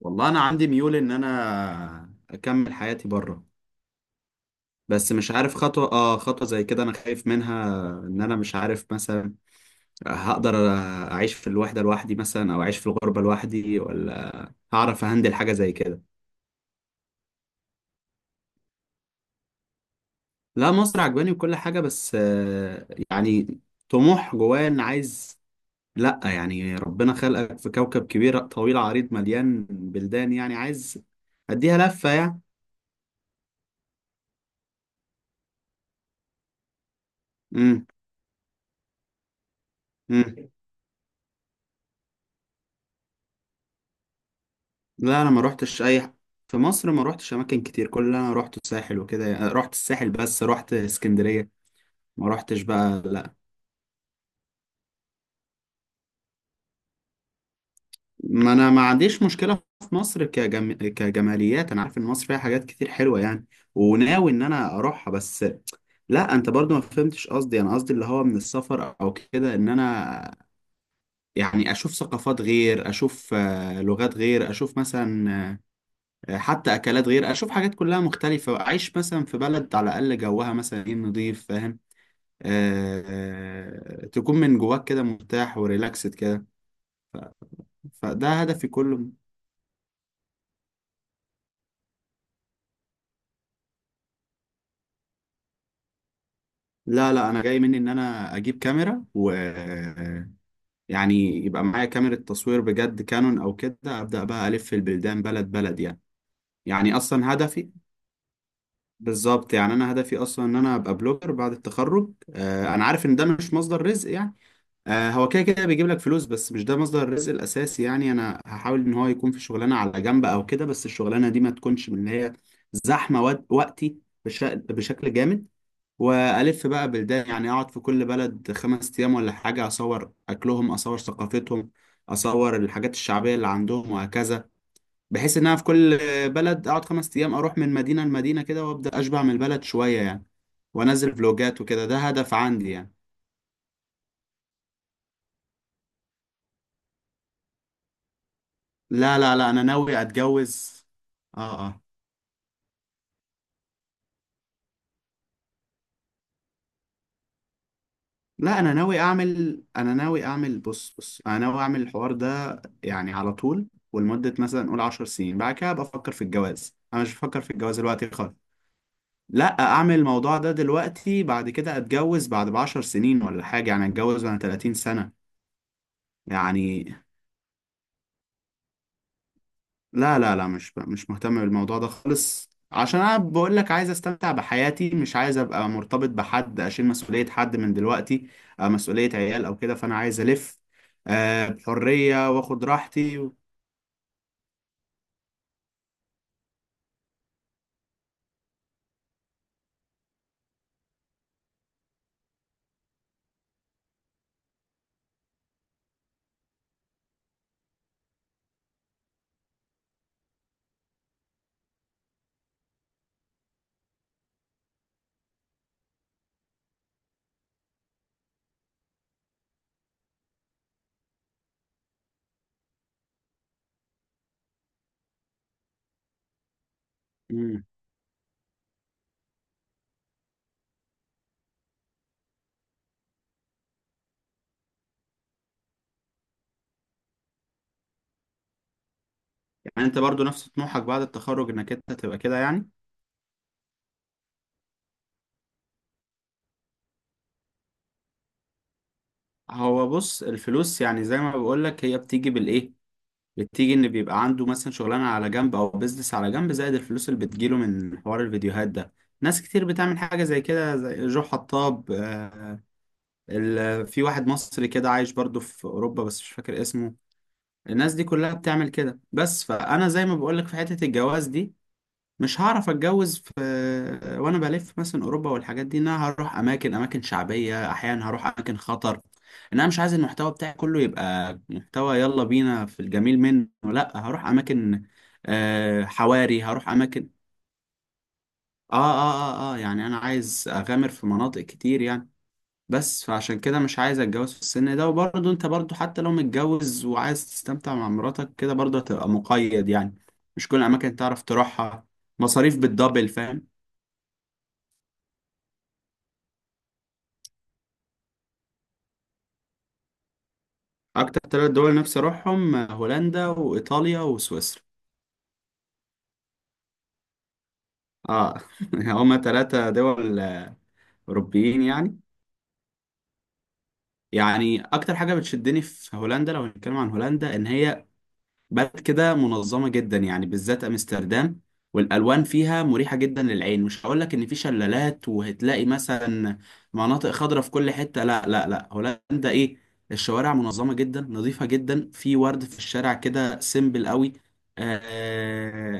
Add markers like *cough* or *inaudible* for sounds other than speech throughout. والله انا عندي ميول ان انا اكمل حياتي بره. بس مش عارف خطوة خطوة زي كده انا خايف منها، ان انا مش عارف مثلا هقدر اعيش في الوحدة لوحدي مثلا، او اعيش في الغربة لوحدي، ولا هعرف اهندل حاجة زي كده. لا، مصر عجباني وكل حاجة، بس يعني طموح جوايا ان عايز، لا يعني ربنا خلقك في كوكب كبير طويل عريض مليان بلدان، يعني عايز اديها لفة يعني. امم. امم. لا انا ما روحتش اي في مصر ما روحتش اماكن كتير، كل اللي انا روحته الساحل وكده، رحت الساحل بس، رحت اسكندرية، ما روحتش بقى لا. ما انا ما عنديش مشكلة في مصر كجماليات، انا عارف ان مصر فيها حاجات كتير حلوة يعني، وناوي ان انا اروحها. بس لا، انت برضو ما فهمتش قصدي، انا قصدي اللي هو من السفر او كده، ان انا يعني اشوف ثقافات غير، اشوف لغات غير، اشوف مثلا حتى اكلات غير، اشوف حاجات كلها مختلفة، اعيش مثلا في بلد على الاقل جوها مثلا ايه نضيف، تكون من جواك كده مرتاح وريلاكسد كده. فده هدفي كله. لا لا، انا جاي مني ان انا اجيب كاميرا و يعني يبقى معايا كاميرا تصوير بجد، كانون او كده، ابدا بقى الف البلدان بلد بلد يعني، يعني اصلا هدفي. بالظبط، يعني انا هدفي اصلا ان انا ابقى بلوجر بعد التخرج. انا عارف ان ده مش مصدر رزق يعني، هو كده كده بيجيب لك فلوس، بس مش ده مصدر الرزق الاساسي. يعني انا هحاول ان هو يكون في شغلانه على جنب او كده، بس الشغلانه دي ما تكونش من اللي هي زحمه وقتي بشكل جامد. والف بقى بلدان، يعني اقعد في كل بلد خمس ايام ولا حاجه، اصور اكلهم، اصور ثقافتهم، اصور الحاجات الشعبيه اللي عندهم، وهكذا. بحيث ان انا في كل بلد اقعد خمس ايام، اروح من مدينه لمدينه كده، وابدا اشبع من البلد شويه يعني، وانزل فلوجات وكده. ده هدف عندي يعني. لا لا لا، انا ناوي اتجوز. اه اه. لا، انا ناوي اعمل، بص انا ناوي اعمل الحوار ده يعني على طول. ولمدة مثلا نقول 10 سنين، بعد كده بفكر في الجواز. انا مش بفكر في الجواز دلوقتي خالص. لا اعمل الموضوع ده دلوقتي، بعد كده اتجوز بعد ب 10 سنين ولا حاجة، يعني اتجوز وانا 30 سنة يعني. لا لا لا، مش مهتم بالموضوع ده خالص، عشان انا بقول لك عايز استمتع بحياتي، مش عايز ابقى مرتبط بحد، اشيل مسؤولية حد من دلوقتي، مسؤولية عيال او كده. فانا عايز الف بحرية، واخد راحتي و... مم. يعني انت برضو نفس طموحك بعد التخرج، انك انت تبقى كده يعني. هو بص، الفلوس يعني زي ما بقول لك هي بتيجي بالايه، بتيجي ان بيبقى عنده مثلا شغلانة على جنب، او بيزنس على جنب، زائد الفلوس اللي بتجيله من حوار الفيديوهات ده. ناس كتير بتعمل حاجة زي كده، زي جو حطاب. في واحد مصري كده عايش برضو في اوروبا بس مش فاكر اسمه. الناس دي كلها بتعمل كده. بس فانا زي ما بقولك في حتة الجواز دي، مش هعرف اتجوز في *hesitation* وانا بلف مثلا اوروبا والحاجات دي، ان انا هروح اماكن، اماكن شعبية، احيانا هروح اماكن خطر. ان انا مش عايز المحتوى بتاعي كله يبقى محتوى يلا بينا في الجميل منه، لا، هروح اماكن حواري، هروح اماكن. اه اه. اه اه، يعني انا عايز اغامر في مناطق كتير يعني. بس فعشان كده مش عايز اتجوز في السن ده. وبرضه انت برضه حتى لو متجوز وعايز تستمتع مع مراتك كده، برضه هتبقى مقيد يعني، مش كل الاماكن تعرف تروحها. مصاريف بالدبل، فاهم. اكتر ثلاث دول نفسي اروحهم هولندا وايطاليا وسويسرا. اه *laughs* هما ثلاثة دول اوروبيين يعني. يعني اكتر حاجة بتشدني في هولندا، لو هنتكلم عن هولندا، ان هي بلد كده منظمة جدا يعني، بالذات أمستردام. والألوان فيها مريحة جدا للعين. مش هقول لك إن في شلالات وهتلاقي مثلا مناطق خضراء في كل حتة، لا لا لا. هولندا إيه، الشوارع منظمة جدا، نظيفة جدا، في ورد في الشارع كده، سيمبل قوي، آه،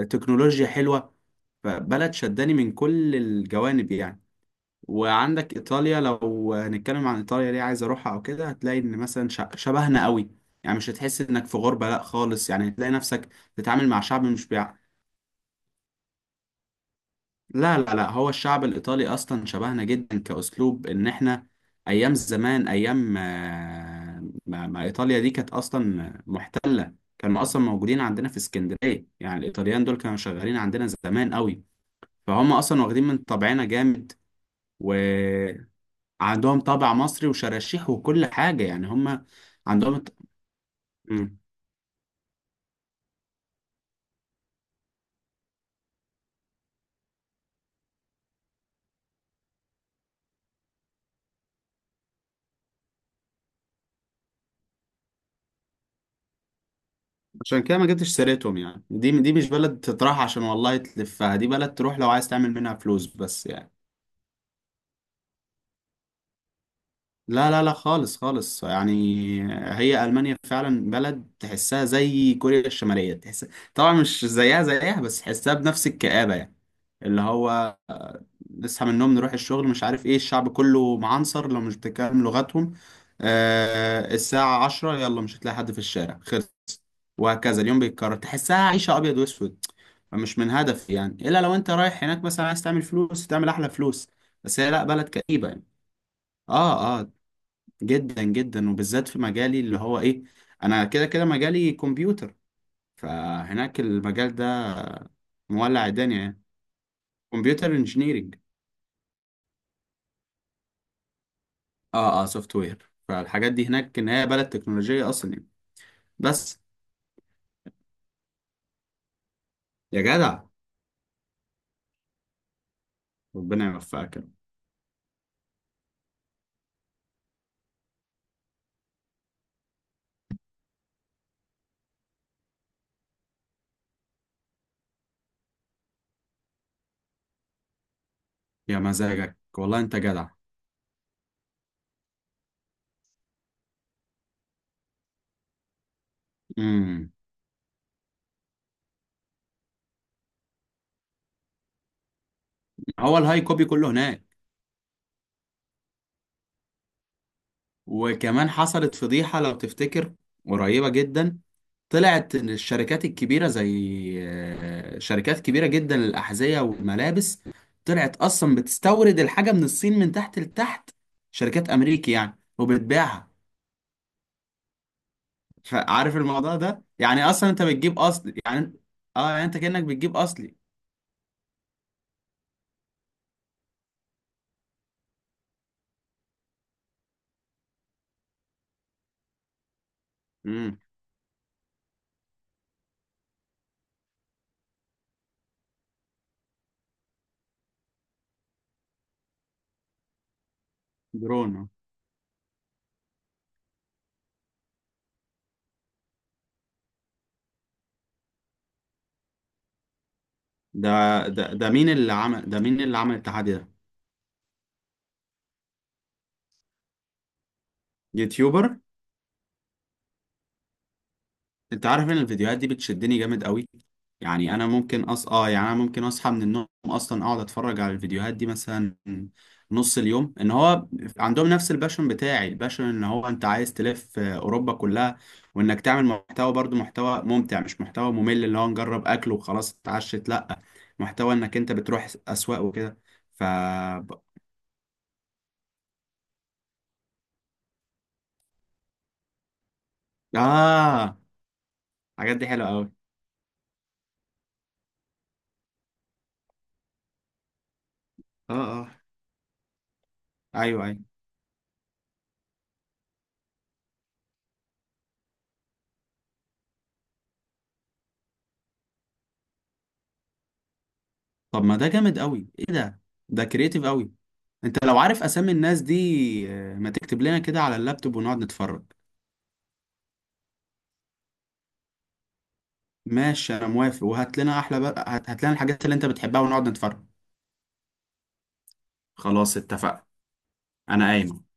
تكنولوجيا حلوة. فبلد شداني من كل الجوانب يعني. وعندك ايطاليا، لو هنتكلم عن ايطاليا ليه عايز اروحها او كده، هتلاقي ان مثلا شبهنا قوي يعني. مش هتحس انك في غربة لا خالص، يعني تلاقي نفسك بتتعامل مع شعب مش بيع. لا لا لا، هو الشعب الايطالي اصلا شبهنا جدا كاسلوب. ان احنا ايام زمان، ايام ما ايطاليا دي كانت اصلا محتلة، كانوا اصلا موجودين عندنا في اسكندرية يعني. الايطاليان دول كانوا شغالين عندنا زمان قوي، فهم اصلا واخدين من طبعنا جامد. و عندهم طابع مصري وشراشيح وكل حاجة يعني. هم عندهم مم. عشان كده ما جبتش سيرتهم يعني. دي مش بلد تطرح عشان والله تلفها، دي بلد تروح لو عايز تعمل منها فلوس بس يعني. لا لا لا، خالص خالص يعني. هي ألمانيا فعلا بلد تحسها زي كوريا الشمالية، تحس طبعا مش زيها زيها، بس تحسها بنفس الكآبة يعني. اللي هو نصحى من النوم، نروح الشغل، مش عارف ايه، الشعب كله معنصر لو مش بتتكلم لغتهم، آه، الساعة عشرة يلا مش هتلاقي حد في الشارع، خلص. وهكذا اليوم بيتكرر، تحسها عيشة أبيض وأسود. مش من هدف يعني، إلا لو أنت رايح هناك مثلا عايز تعمل فلوس، تعمل أحلى فلوس. بس هي لأ، بلد كئيبة يعني. آه آه، جدا جدا، وبالذات في مجالي اللي هو إيه، أنا كده كده مجالي كمبيوتر، فهناك المجال ده مولع الدنيا يعني. كمبيوتر انجينيرنج. اه اه، سوفت وير. فالحاجات دي هناك، ان هي بلد تكنولوجية اصلا يعني. بس يا جدع، ربنا يوفقك يا رب. يا مزاجك والله، انت جدع. امم. هو الهاي كوبي كله هناك. وكمان حصلت فضيحة لو تفتكر، قريبة جدا. طلعت ان الشركات الكبيرة، زي شركات كبيرة جدا للأحذية والملابس، طلعت اصلا بتستورد الحاجة من الصين من تحت لتحت. شركات امريكي يعني، وبتبيعها. فعارف الموضوع ده يعني. اصلا انت بتجيب اصل يعني، اه يعني انت كأنك بتجيب اصلي. امم. درون. ده ده مين اللي عمل ده، مين اللي عمل التحدي ده؟ يوتيوبر. انت عارف ان الفيديوهات دي بتشدني جامد قوي يعني. انا ممكن اه يعني انا ممكن اصحى من النوم اصلا، اقعد اتفرج على الفيديوهات دي مثلا نص اليوم. ان هو عندهم نفس الباشون بتاعي. الباشون ان هو انت عايز تلف اوروبا كلها، وانك تعمل محتوى برضو، محتوى ممتع، مش محتوى ممل اللي هو نجرب اكل وخلاص اتعشت لا، محتوى انك انت بتروح اسواق وكده. ف اه، الحاجات دي حلوه قوي. اه اه. ايوه ايوه. طب ما ده جامد قوي، ايه ده؟ ده كرييتيف قوي. انت لو عارف اسامي الناس دي ما تكتب لنا كده على اللابتوب ونقعد نتفرج. ماشي، انا موافق، وهات لنا احلى بقى، هات لنا الحاجات اللي انت بتحبها، ونقعد نتفرج. خلاص اتفقنا. انا قايم.